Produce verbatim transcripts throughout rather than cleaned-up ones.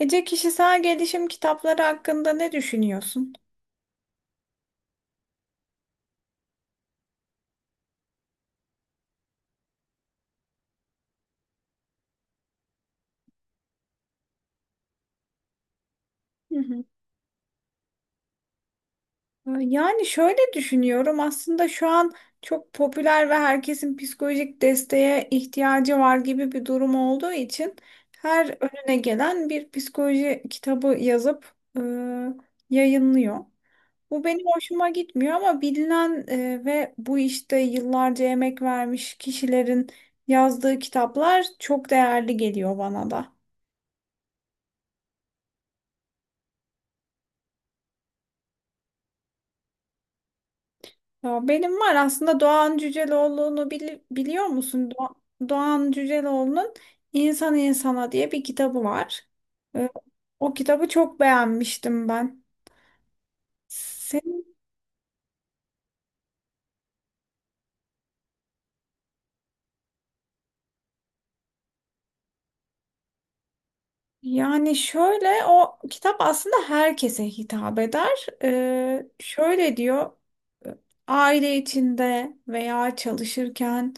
Ece, kişisel gelişim kitapları hakkında ne düşünüyorsun? Hı hı. Ee, Yani şöyle düşünüyorum. Aslında şu an çok popüler ve herkesin psikolojik desteğe ihtiyacı var gibi bir durum olduğu için her önüne gelen bir psikoloji kitabı yazıp e, yayınlıyor. Bu benim hoşuma gitmiyor, ama bilinen e, ve bu işte yıllarca emek vermiş kişilerin yazdığı kitaplar çok değerli geliyor bana da. Ya benim var aslında. Doğan Cüceloğlu'nu bili- biliyor musun? Do- Doğan Cüceloğlu'nun İnsan İnsana diye bir kitabı var. Ee, O kitabı çok beğenmiştim ben. Sen- Yani şöyle, o kitap aslında herkese hitap eder. Ee, şöyle diyor: aile içinde veya çalışırken,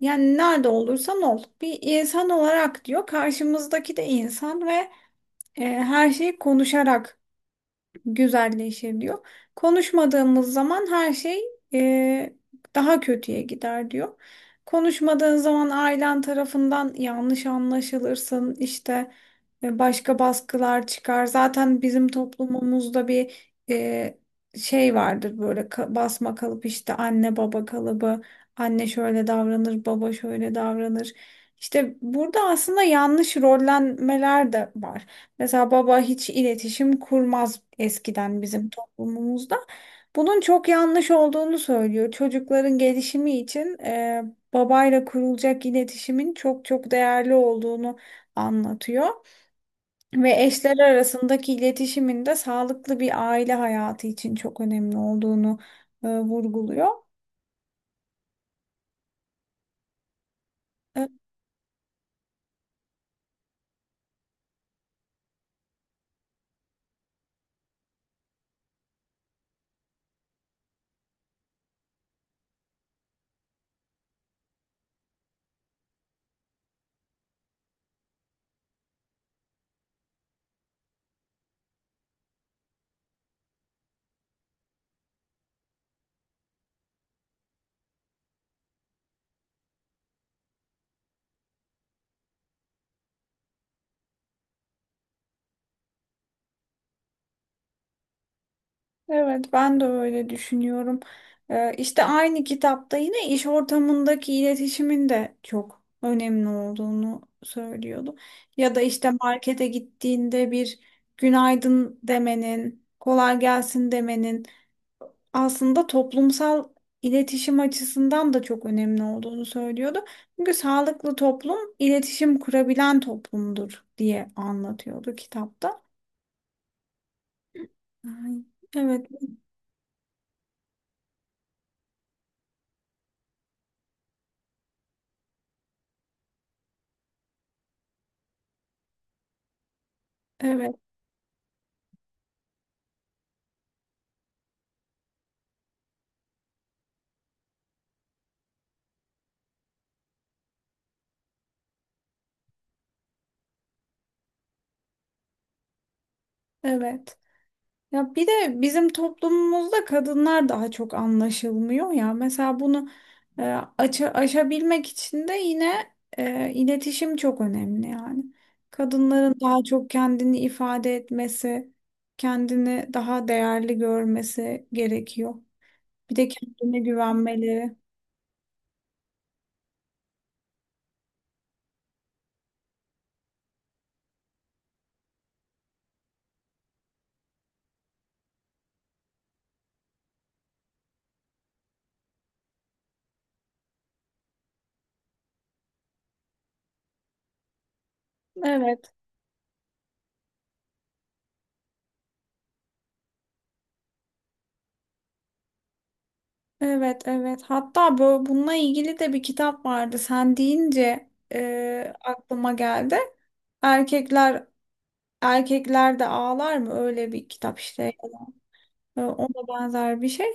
yani nerede olursan ol bir insan olarak diyor, karşımızdaki de insan ve E, her şey konuşarak güzelleşir diyor. Konuşmadığımız zaman her şey e, daha kötüye gider diyor. Konuşmadığın zaman ailen tarafından yanlış anlaşılırsın, işte e, başka baskılar çıkar. Zaten bizim toplumumuzda bir e, şey vardır, böyle ka- basma kalıp, işte anne baba kalıbı. Anne şöyle davranır, baba şöyle davranır. İşte burada aslında yanlış rollenmeler de var. Mesela baba hiç iletişim kurmaz eskiden bizim toplumumuzda. Bunun çok yanlış olduğunu söylüyor. Çocukların gelişimi için e, babayla kurulacak iletişimin çok çok değerli olduğunu anlatıyor. Ve eşler arasındaki iletişimin de sağlıklı bir aile hayatı için çok önemli olduğunu e, vurguluyor. E, Evet, ben de öyle düşünüyorum. Ee, işte aynı kitapta yine iş ortamındaki iletişimin de çok önemli olduğunu söylüyordu. Ya da işte markete gittiğinde bir günaydın demenin, kolay gelsin demenin aslında toplumsal iletişim açısından da çok önemli olduğunu söylüyordu. Çünkü sağlıklı toplum iletişim kurabilen toplumdur diye anlatıyordu kitapta. Ay, evet, evet, evet. Ya bir de bizim toplumumuzda kadınlar daha çok anlaşılmıyor ya. Mesela bunu e, aça- aşabilmek için de yine e, iletişim çok önemli yani. Kadınların daha çok kendini ifade etmesi, kendini daha değerli görmesi gerekiyor. Bir de kendine güvenmeleri. Evet, evet, evet. Hatta bu, bununla ilgili de bir kitap vardı. Sen deyince e, aklıma geldi. Erkekler Erkekler de Ağlar mı? Öyle bir kitap işte. e, Ona benzer bir şey.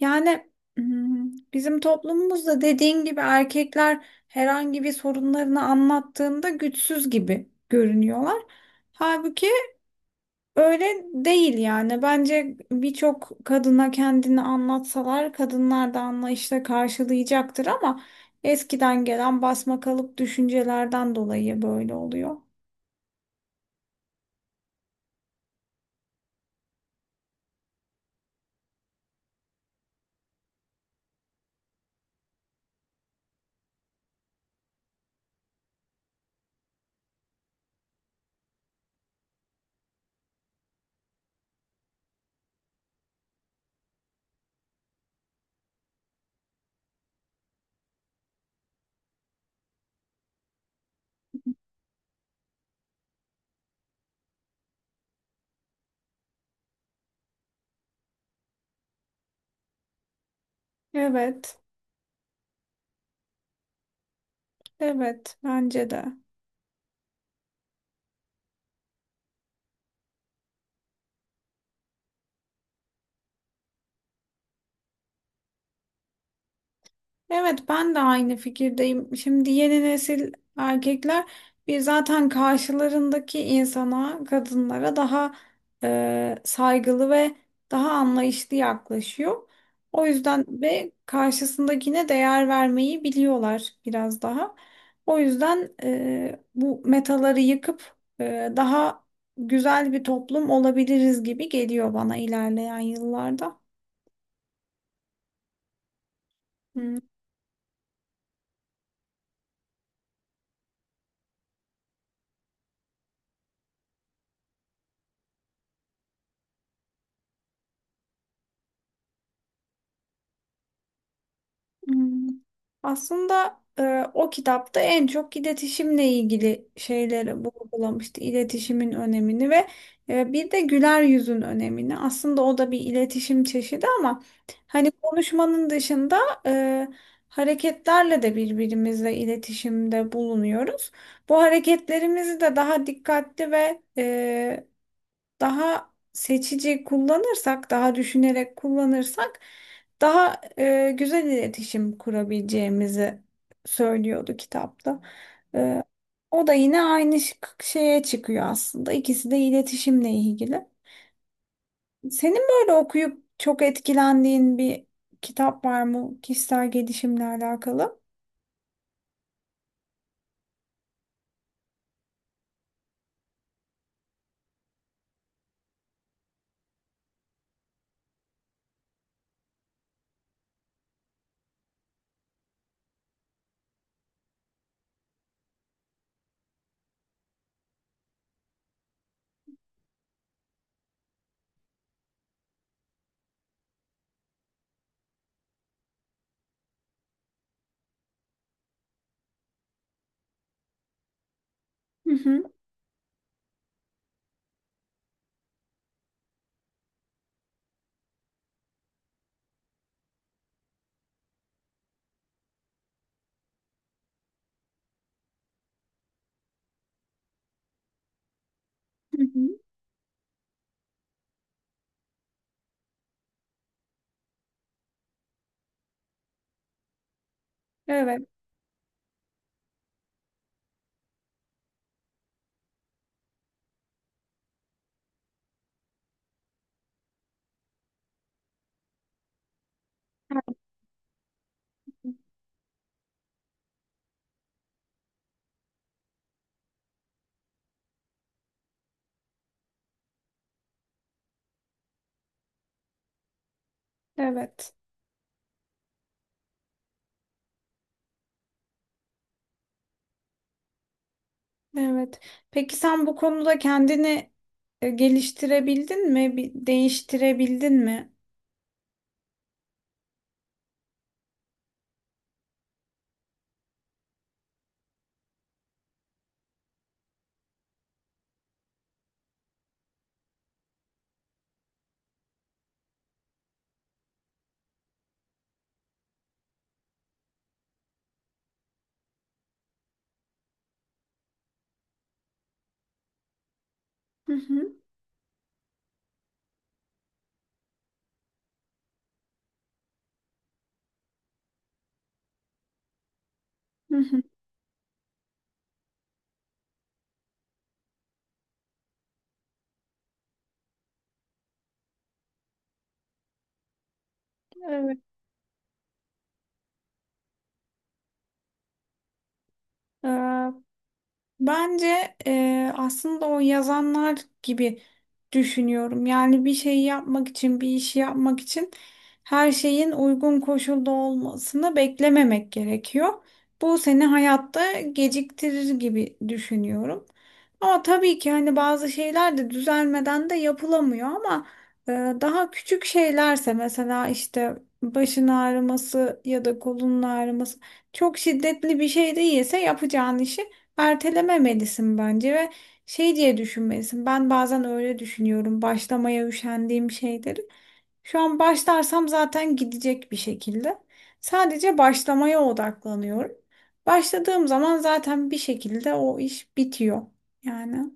Yani hmm, bizim toplumumuzda dediğin gibi erkekler herhangi bir sorunlarını anlattığında güçsüz gibi görünüyorlar. Halbuki Öyle değil yani. Bence birçok kadına kendini anlatsalar kadınlar da anlayışla karşılayacaktır, ama eskiden gelen basma kalıp düşüncelerden dolayı böyle oluyor. Evet, evet bence de. Evet, ben de aynı fikirdeyim. Şimdi yeni nesil erkekler bir zaten karşılarındaki insana, kadınlara daha e, saygılı ve daha anlayışlı yaklaşıyor. O yüzden ve karşısındakine değer vermeyi biliyorlar biraz daha. O yüzden e, bu metaları yıkıp e, daha güzel bir toplum olabiliriz gibi geliyor bana ilerleyen yıllarda. Hmm. Aslında e, o kitapta en çok iletişimle ilgili şeyleri vurgulamıştı. İletişimin önemini ve e, bir de güler yüzün önemini. Aslında o da bir iletişim çeşidi ama hani konuşmanın dışında e, hareketlerle de birbirimizle iletişimde bulunuyoruz. Bu hareketlerimizi de daha dikkatli ve daha seçici kullanırsak, daha düşünerek kullanırsak daha e, güzel iletişim kurabileceğimizi söylüyordu kitapta. E, O da yine aynı şık- şeye çıkıyor aslında. İkisi de iletişimle ilgili. Senin böyle okuyup çok etkilendiğin bir kitap var mı kişisel gelişimle alakalı? Hı hı, hı hı. Evet, evet, evet. Peki sen bu konuda kendini e, geliştirebildin mi? Bir değiştirebildin mi? Hı hı, hı hı. Evet. Ee, Bence e, aslında o yazanlar gibi düşünüyorum. Yani bir şeyi yapmak için, bir işi yapmak için her şeyin uygun koşulda olmasını beklememek gerekiyor. Bu seni hayatta geciktirir gibi düşünüyorum. Ama tabii ki hani bazı şeyler de düzelmeden de yapılamıyor ama e, daha küçük şeylerse, mesela işte başın ağrıması ya da kolunun ağrıması çok şiddetli bir şey değilse yapacağın işi ertelememelisin bence ve şey diye düşünmelisin. Ben bazen öyle düşünüyorum başlamaya üşendiğim şeyleri: şu an başlarsam zaten gidecek bir şekilde. Sadece başlamaya odaklanıyorum. Başladığım zaman zaten bir şekilde o iş bitiyor. Yani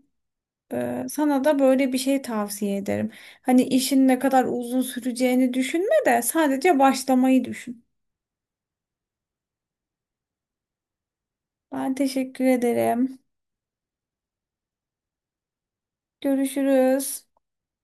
e, sana da böyle bir şey tavsiye ederim. Hani işin ne kadar uzun süreceğini düşünme de sadece başlamayı düşün. Ben teşekkür ederim. Görüşürüz.